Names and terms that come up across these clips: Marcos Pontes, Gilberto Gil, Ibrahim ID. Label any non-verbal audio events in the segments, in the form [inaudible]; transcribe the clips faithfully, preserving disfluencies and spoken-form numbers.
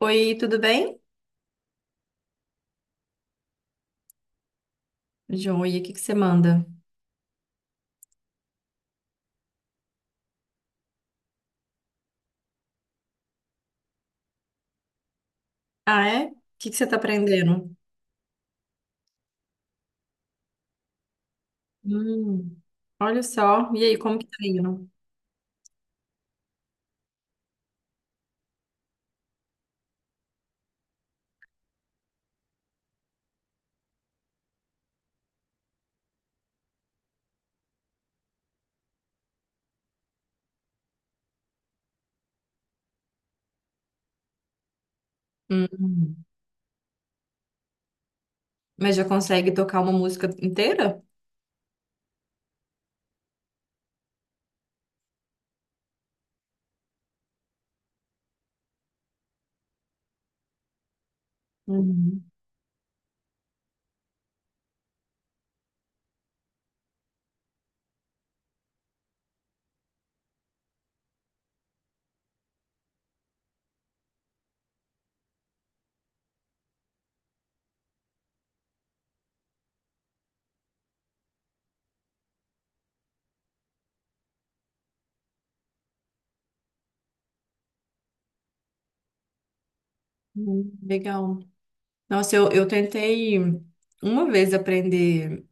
Oi, tudo bem? Joia, o que que você manda? Ah, é? O que que você tá aprendendo? Hum, olha só. E aí, como que tá indo? Hum, mas já consegue tocar uma música inteira? Uhum. Hum, legal. Nossa, eu, eu tentei uma vez aprender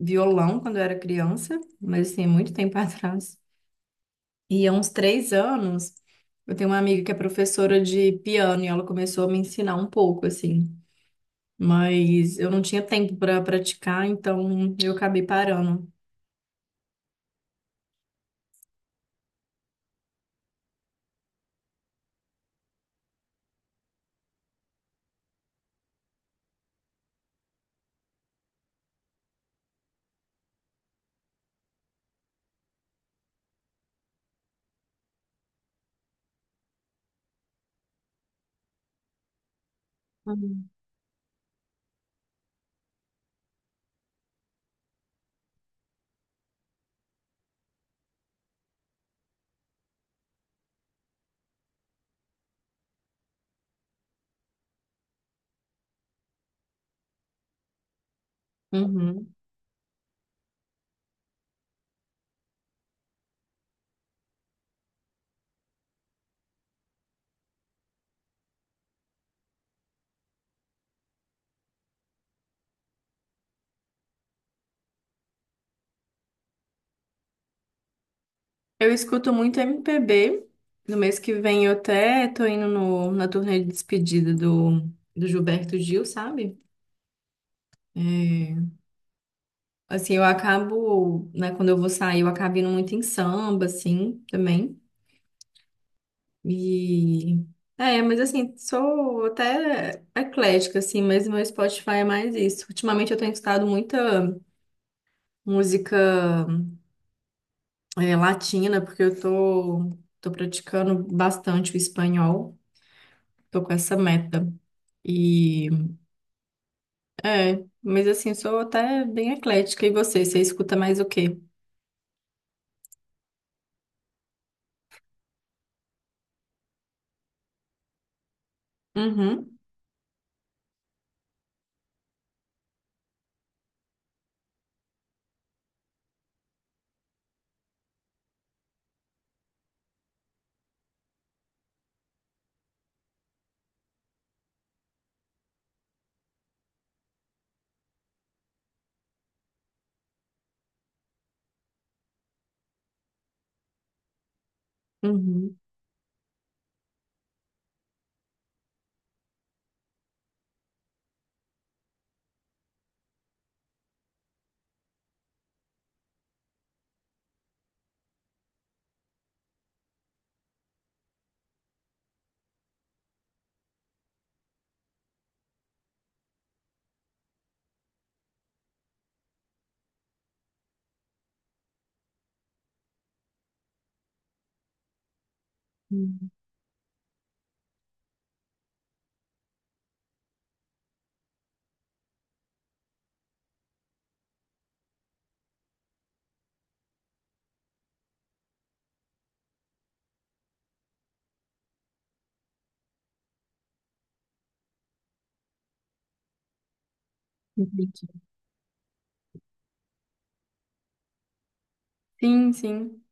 violão quando eu era criança, mas assim, é muito tempo [laughs] atrás. E há uns três anos, eu tenho uma amiga que é professora de piano e ela começou a me ensinar um pouco, assim. Mas eu não tinha tempo para praticar, então eu acabei parando. Uhum. Uhum. Eu escuto muito M P B. No mês que vem eu até tô indo no- na turnê de despedida do, do Gilberto Gil, sabe? É, assim, eu acabo, né, quando eu vou sair, eu acabo indo muito em samba, assim, também. E. É, mas assim, sou até eclética, assim, mas meu Spotify é mais isso. Ultimamente eu tenho escutado muita música. é, latina, porque eu tô, tô praticando bastante o espanhol, tô com essa meta. E é, mas assim, eu sou até bem eclética. E você, você escuta mais o quê? Uhum, uhum, uhum. Entendi. Sim, sim.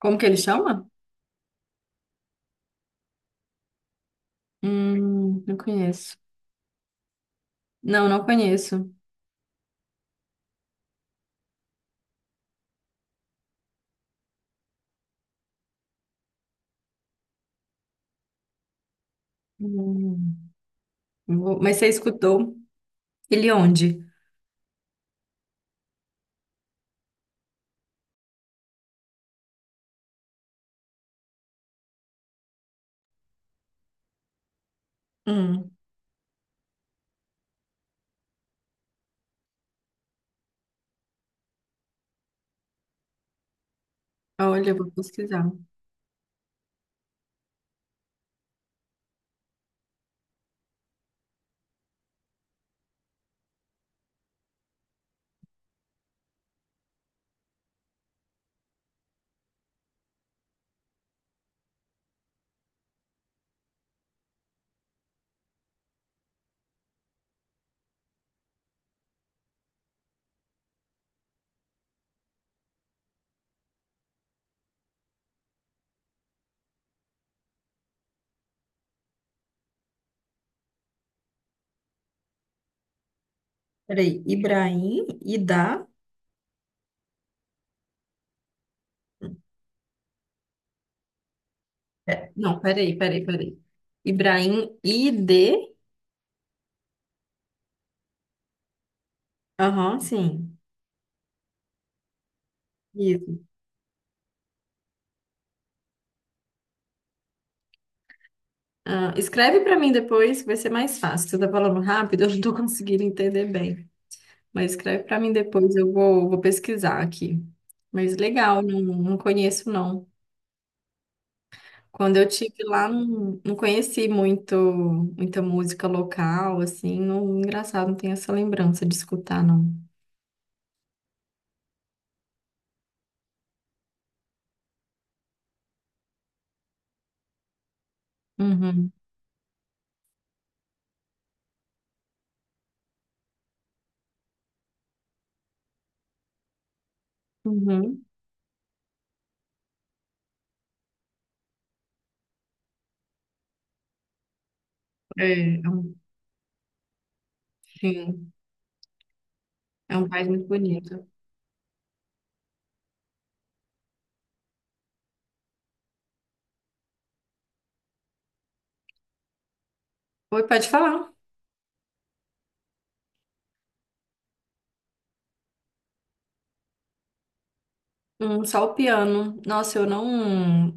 Como que ele chama? Hum, não conheço. Não, não conheço. Hum, vou- mas você escutou ele onde? Hum, olha, eu vou pesquisar. Peraí, Ibrahim, Idá. É, não, peraí, peraí, peraí. Ibrahim I D. Aham, sim. Isso. Ah, escreve para mim depois, que vai ser mais fácil. Você tá falando rápido, [laughs] eu não tô conseguindo entender bem. Mas escreve para mim depois, eu vou, vou pesquisar aqui. Mas legal, não, não conheço não. Quando eu tive lá, não, não conheci muito, muita música local, assim. Não, engraçado, não tenho essa lembrança de escutar, não. Uhum, uhum. É, é um, sim, é um país muito bonito. Oi, pode falar. Hum, só o piano. Nossa, eu não,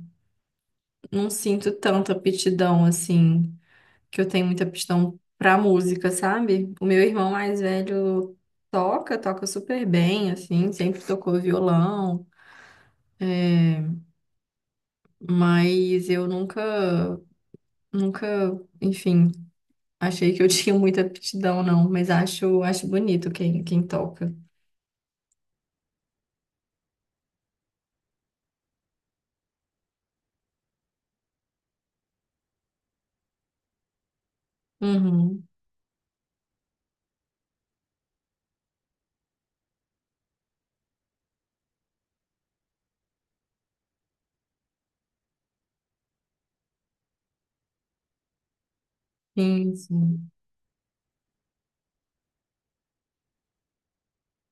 não sinto tanta aptidão assim, que eu tenho muita aptidão pra música, sabe? O meu irmão mais velho toca, toca super bem, assim, sempre tocou violão, mas eu nunca, nunca, enfim, achei que eu [laughs] tinha muita aptidão, não, mas acho, acho bonito quem, quem toca. Uhum. Sim, sim.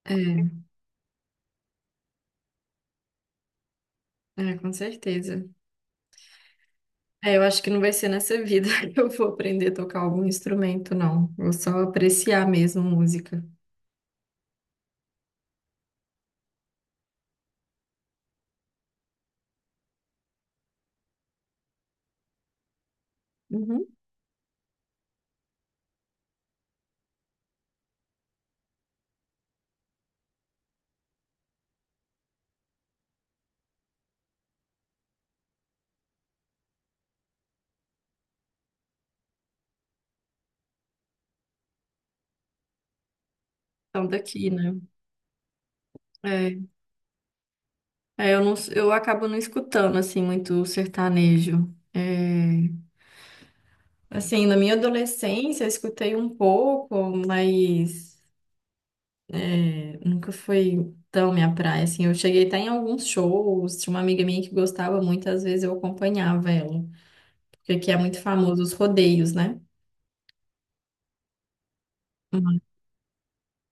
É, é, com certeza. É, eu acho que não vai ser nessa vida [laughs] que eu vou aprender a tocar algum instrumento, não. Vou só apreciar mesmo música. Uhum. Então, daqui, né? É, é, eu não, eu acabo não escutando, assim, muito sertanejo. É, assim, na minha adolescência, eu escutei um pouco, mas é, nunca foi tão minha praia, assim. Eu cheguei até em alguns shows, tinha uma amiga minha que gostava muito, às vezes eu acompanhava ela. Porque aqui é muito famoso os rodeios, né?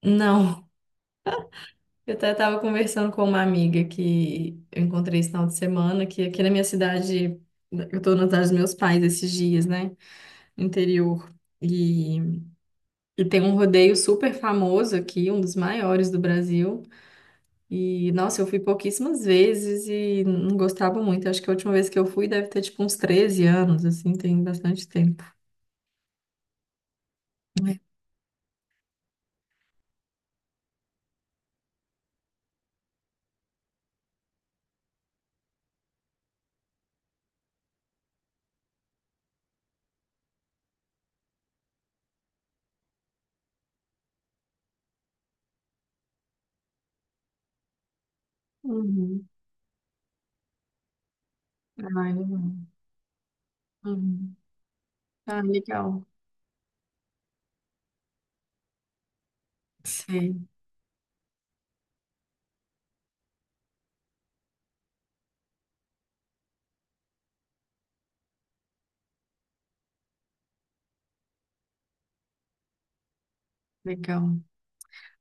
Não. Eu até estava conversando com uma amiga que eu encontrei esse final de semana, que aqui na minha cidade, eu estou na cidade dos meus pais esses dias, né? No interior. E, e tem um rodeio super famoso aqui, um dos maiores do Brasil. E, nossa, eu fui pouquíssimas vezes e não gostava muito. Acho que a última vez que eu fui deve ter, tipo, uns treze anos, assim, tem bastante tempo. Uhum. Ai, legal. Uhum. Ah, legal. Sei, legal.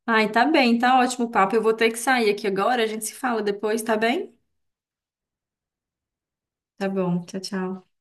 Ai, tá bem, tá ótimo o papo. Eu vou ter que sair aqui agora, a gente se fala depois, tá bem? Tá bom, tchau, tchau.